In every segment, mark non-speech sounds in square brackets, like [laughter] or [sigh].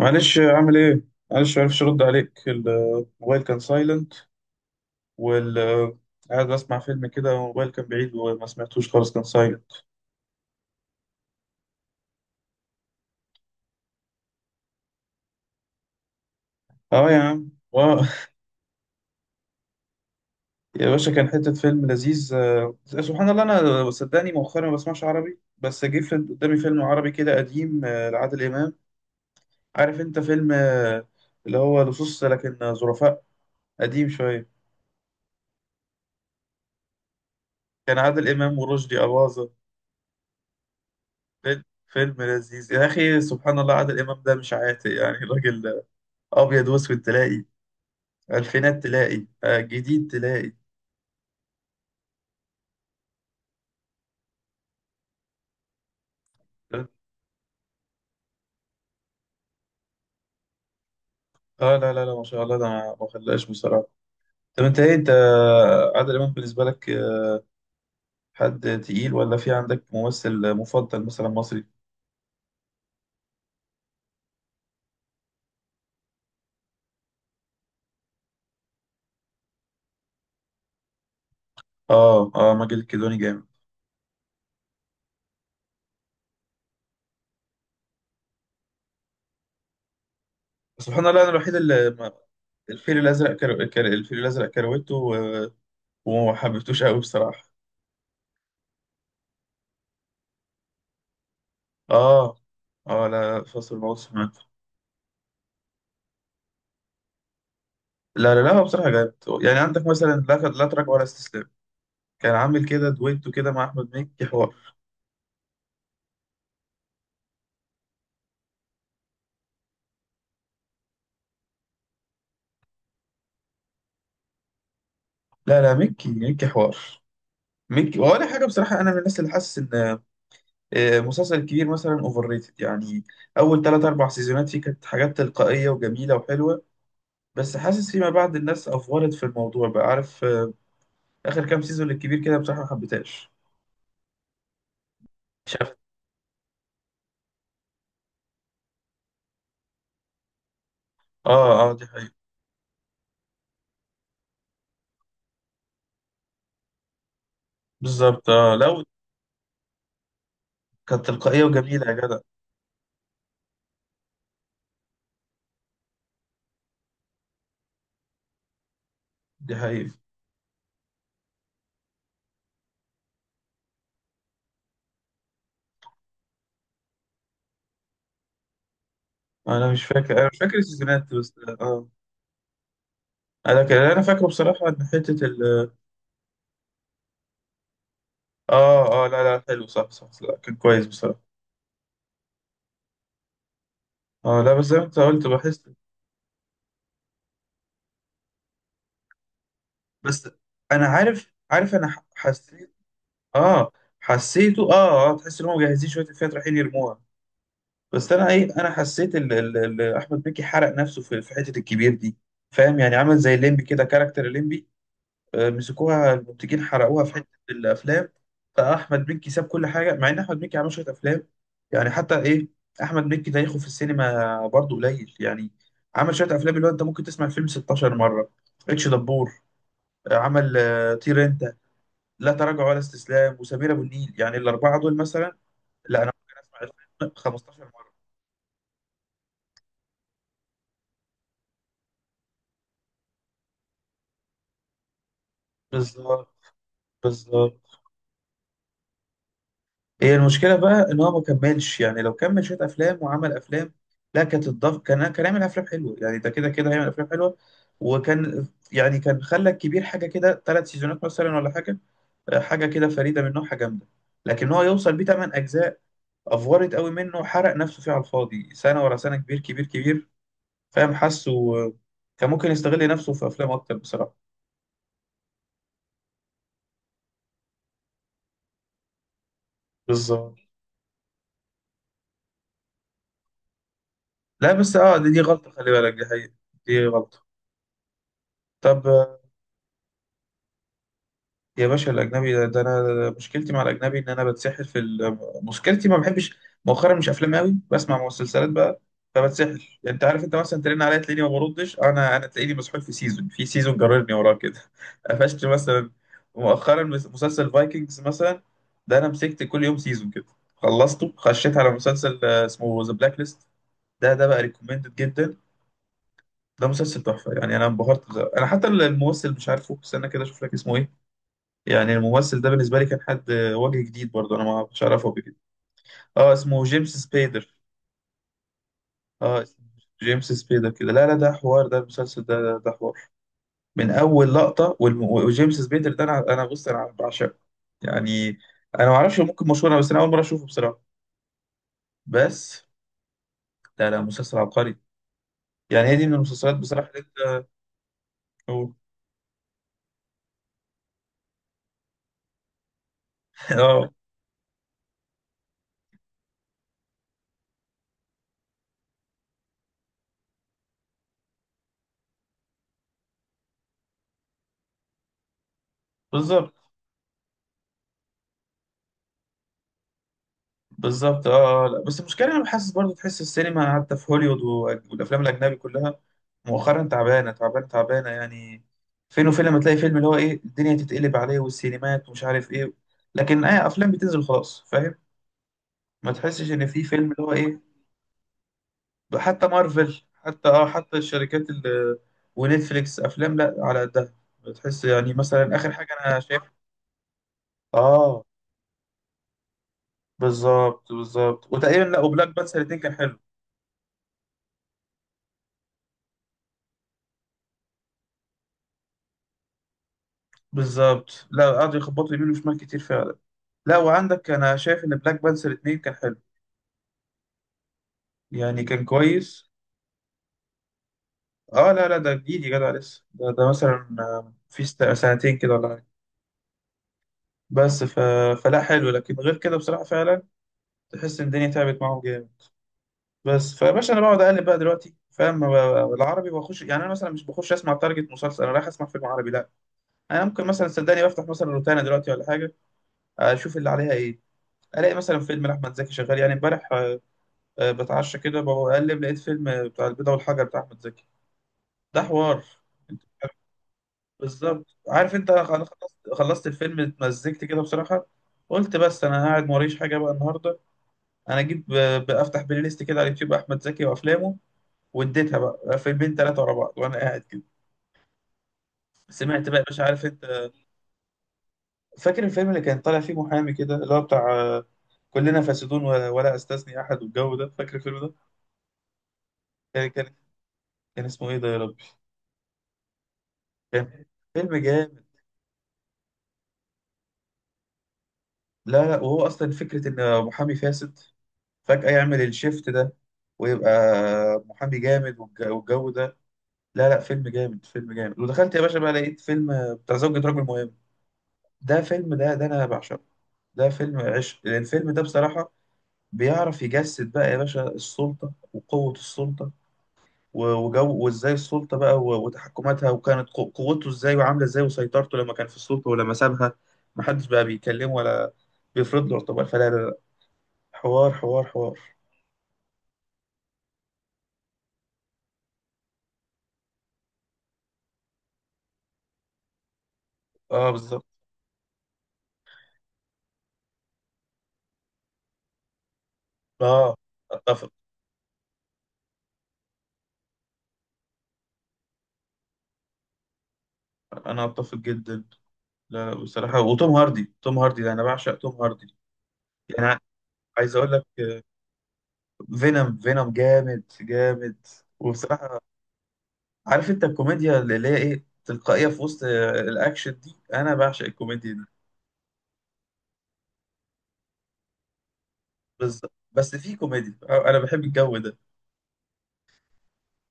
معلش عامل ايه؟ معلش معرفش ارد عليك، الموبايل كان سايلنت. وال قاعد بسمع فيلم كده والموبايل كان بعيد وما سمعتوش خالص، كان سايلنت. اه يا عم، واو [laughs] يا باشا، كان حتة فيلم لذيذ. سبحان الله، انا صدقني مؤخرا ما بسمعش عربي، بس جه قدامي فيلم عربي كده قديم، لعادل امام. عارف انت فيلم اللي هو لصوص لكن ظرفاء، قديم شوية. كان عادل امام ورشدي اباظة. فيلم لذيذ يا اخي. سبحان الله، عادل امام ده مش عاتق يعني الراجل. ابيض واسود تلاقي، الفينات تلاقي، جديد تلاقي. اه، لا لا لا، ما شاء الله، ده ما خلاش بصراحه. طب انت ايه، انت عادل امام بالنسبه لك حد تقيل ولا في عندك ممثل مفضل مثلا مصري؟ اه اه، ماجد الكدواني جامد. سبحان الله، انا الوحيد اللي الفيل الازرق كروته وما حبيتوش قوي بصراحه. اه اه، لا، فصل الموت سمعته. لا لا لا، هو بصراحه جامد. يعني عندك مثلا لا تراجع ولا استسلام، كان عامل كده دويتو كده مع احمد مكي، حوار. لا لا، مكي مكي حوار، مكي ولا حاجه. بصراحه انا من الناس اللي حاسس ان مسلسل الكبير مثلا اوفر ريتد يعني. اول ثلاث اربع سيزونات فيه كانت حاجات تلقائيه وجميله وحلوه، بس حاسس فيما بعد الناس افورت في الموضوع بقى، عارف اخر كام سيزون للكبير كده بصراحه ما حبيتهاش. شفت. اه اه، دي حقيقة. بالظبط، اه، لو كانت تلقائية وجميلة يا جدع، دي حقيقة. انا مش فاكر السيزونات بس. اه، انا كان اللي انا فاكره بصراحة ان حتة اه اه، لا لا، حلو، صح صح، لا، كان كويس بصراحة. اه، لا، بس زي ما انت قلت بحس. بس انا عارف انا حسيت. اه، حسيته، اه اه. تحس ان هم مجهزين شوية الفئات رايحين يرموها. بس انا ايه، انا حسيت ال احمد مكي حرق نفسه في حتة الكبير دي. فاهم، يعني عمل زي الليمبي كده، كاركتر الليمبي، مسكوها المنتجين حرقوها في حته الافلام. فاحمد مكي ساب كل حاجه، مع ان احمد مكي عمل شويه افلام يعني. حتى ايه، احمد مكي تاريخه في السينما برضه قليل يعني. عمل شويه افلام اللي هو انت ممكن تسمع الفيلم 16 مره، اتش دبور، عمل طير انت، لا تراجع ولا استسلام، وسمير ابو النيل، يعني الاربعه دول مثلا. لا، انا ممكن اسمع الفيلم 15 مره. بالظبط بالظبط. هي المشكلة بقى إن هو ما كملش يعني. لو كمل شوية أفلام وعمل أفلام، لا، كانت الضف، كان هيعمل أفلام حلوة يعني، ده كده كده هيعمل أفلام حلوة، وكان يعني كان خلى الكبير حاجة كده ثلاث سيزونات مثلا ولا حاجة، حاجة كده فريدة من نوعها جامدة. لكن هو يوصل بيه تمن أجزاء، أفورت قوي منه وحرق نفسه فيه على الفاضي، سنة ورا سنة، كبير كبير كبير. فاهم، حاسه كان ممكن يستغل نفسه في أفلام أكتر بصراحة. بالظبط. لا، بس أه، دي غلطة، خلي بالك، دي حقيقة، دي غلطة. طب يا باشا الأجنبي ده، أنا ده مشكلتي مع الأجنبي إن أنا بتسحل في مشكلتي ما بحبش. مؤخرا مش أفلام أوي، بسمع مسلسلات بقى، فبتسحل. يعني أنت عارف، أنت مثلا ترن عليا تلاقيني ما بردش، أنا تلاقيني مسحول في سيزون، جررني وراه كده [laughs] قفشت مثلا مؤخرا مسلسل فايكنجز مثلا، ده أنا مسكت كل يوم سيزون كده، خلصته، خشيت على مسلسل اسمه ذا بلاك ليست. ده بقى ريكومندد جدا. ده مسلسل تحفة يعني، أنا انبهرت بصراحة. أنا حتى الممثل مش عارفه، استنى كده أشوف لك اسمه إيه. يعني الممثل ده بالنسبة لي كان حد وجه جديد برضه، أنا ما كنتش أعرفه قبل كده. أه، اسمه جيمس سبيدر. أه، اسمه جيمس سبيدر كده. لا لا، ده حوار، ده المسلسل ده، ده حوار. من أول لقطة وجيمس سبيدر ده، أنا بص، أنا بعشقه. يعني أنا ما أعرفش، ممكن مشهور أنا، بس أنا أول مرة أشوفه بصراحة. بس لا لا، مسلسل عبقري يعني. هي دي من المسلسلات بصراحة اللي أنت [laughs] أه، بالظبط بالظبط، اه لا بس المشكله انا حاسس برضو، تحس السينما حتى في هوليوود والافلام الاجنبي كلها مؤخرا تعبانه تعبانه تعبانه يعني. فين وفين لما تلاقي فيلم اللي هو ايه الدنيا تتقلب عليه والسينمات ومش عارف ايه، لكن اي افلام بتنزل خلاص فاهم، ما تحسش ان في فيلم اللي هو ايه. حتى مارفل، حتى الشركات ونتفليكس، افلام لا على قدها. بتحس يعني، مثلا اخر حاجه انا شايف. اه، بالظبط بالظبط. وتقريبا، لا، وبلاك بانثر الاثنين كان حلو. بالظبط، لا قعدوا يخبطوا يمين وشمال كتير فعلا. لا، وعندك انا شايف ان بلاك بانثر 2 كان حلو، يعني كان كويس. اه، لا لا ده جديد يا جدع، لسه ده, مثلا في سنتين كده ولا حاجه. بس فلا، حلو. لكن غير كده بصراحه فعلا تحس ان الدنيا تعبت معاهم جامد. بس فيا باشا، انا بقعد اقلب بقى دلوقتي فاهم، العربي بخش. يعني انا مثلا مش بخش اسمع تارجت مسلسل، انا رايح اسمع فيلم عربي لا. انا ممكن مثلا، صدقني، بفتح مثلا روتانا دلوقتي ولا حاجه، اشوف اللي عليها ايه، الاقي مثلا فيلم لاحمد زكي شغال. يعني امبارح بتعشى كده، بقلب، لقيت فيلم بتاع البيضة والحجر بتاع أحمد زكي، ده حوار. بالظبط، عارف أنت، أنا خلصت الفيلم، اتمزجت كده بصراحة. قلت بس، أنا قاعد موريش حاجة بقى النهاردة، أنا أجيب بفتح بلاي ليست كده على اليوتيوب أحمد زكي وأفلامه، واديتها بقى فيلمين تلاتة ورا بعض وأنا قاعد كده. سمعت بقى، مش عارف أنت فاكر الفيلم اللي كان طالع فيه محامي كده، اللي هو بتاع كلنا فاسدون ولا استثني أحد والجو ده، فاكر الفيلم ده؟ كان كان كان اسمه إيه ده يا ربي؟ كان فيلم جامد. لا لا، وهو اصلا فكره ان محامي فاسد فجاه يعمل الشيفت ده ويبقى محامي جامد، والجو ده. لا لا، فيلم جامد فيلم جامد، ودخلت يا باشا بقى، لقيت فيلم بتاع زوجة رجل مهم. ده فيلم، ده انا بعشقه. ده فيلم عشق، لأن الفيلم ده بصراحه بيعرف يجسد بقى يا باشا السلطه وقوه السلطه، وجو، وازاي السلطه بقى وتحكماتها، وكانت قوته ازاي وعامله ازاي وسيطرته لما كان في السلطه، ولما سابها محدش بقى بيكلمه ولا بيفرض له اعتبار، فلا لا لا، حوار حوار حوار. اه بالظبط، اه، اتفق. انا اتفق جدا. لا بصراحه، وتوم هاردي، توم هاردي ده انا بعشق توم هاردي يعني. عايز اقول لك، فينوم فينوم جامد جامد. وبصراحه، عارف انت الكوميديا اللي هي ايه تلقائيه في وسط الاكشن دي، انا بعشق الكوميديا دي. بالظبط، بس في كوميديا انا بحب الجو ده.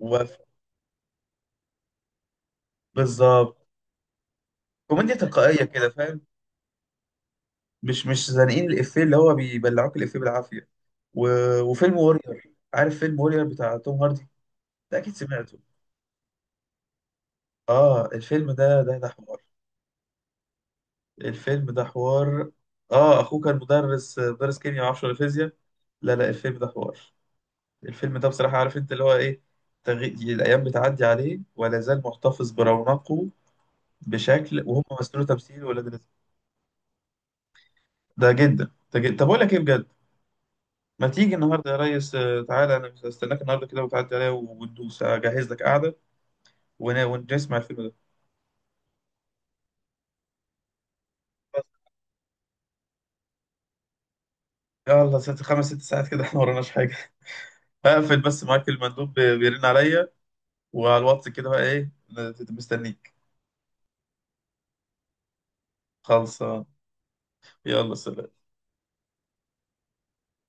وف- بالظبط، كوميديا تلقائيه كده فاهم، مش زانقين الإفيه اللي هو بيبلعوك الإفيه بالعافية. و... وفيلم وورير، عارف فيلم وورير بتاع توم هاردي، ده أكيد سمعته. آه، الفيلم ده حوار، الفيلم ده حوار. آه، أخوه كان مدرس، مدرس كيمياء معرفش ولا فيزياء. لا لا، الفيلم ده حوار. الفيلم ده بصراحة، عارف أنت اللي هو إيه، الأيام بتعدي عليه ولا زال محتفظ برونقه، بشكل وهم مثلوا تمثيل ولاد رزق. ده جدا ده جدا، طب أقول لك إيه بجد، ما تيجي النهارده يا ريس تعالى، انا استناك النهارده كده وتعدي عليا، وندوس اجهز لك قعده ونسمع الفيلم ده. بس يلا، 6 ساعات كده [laughs] احنا موراناش حاجه. هقفل بس معاك، المندوب بيرن عليا وعلى الواتس كده بقى ايه، مستنيك. خلصان. يلا سلام.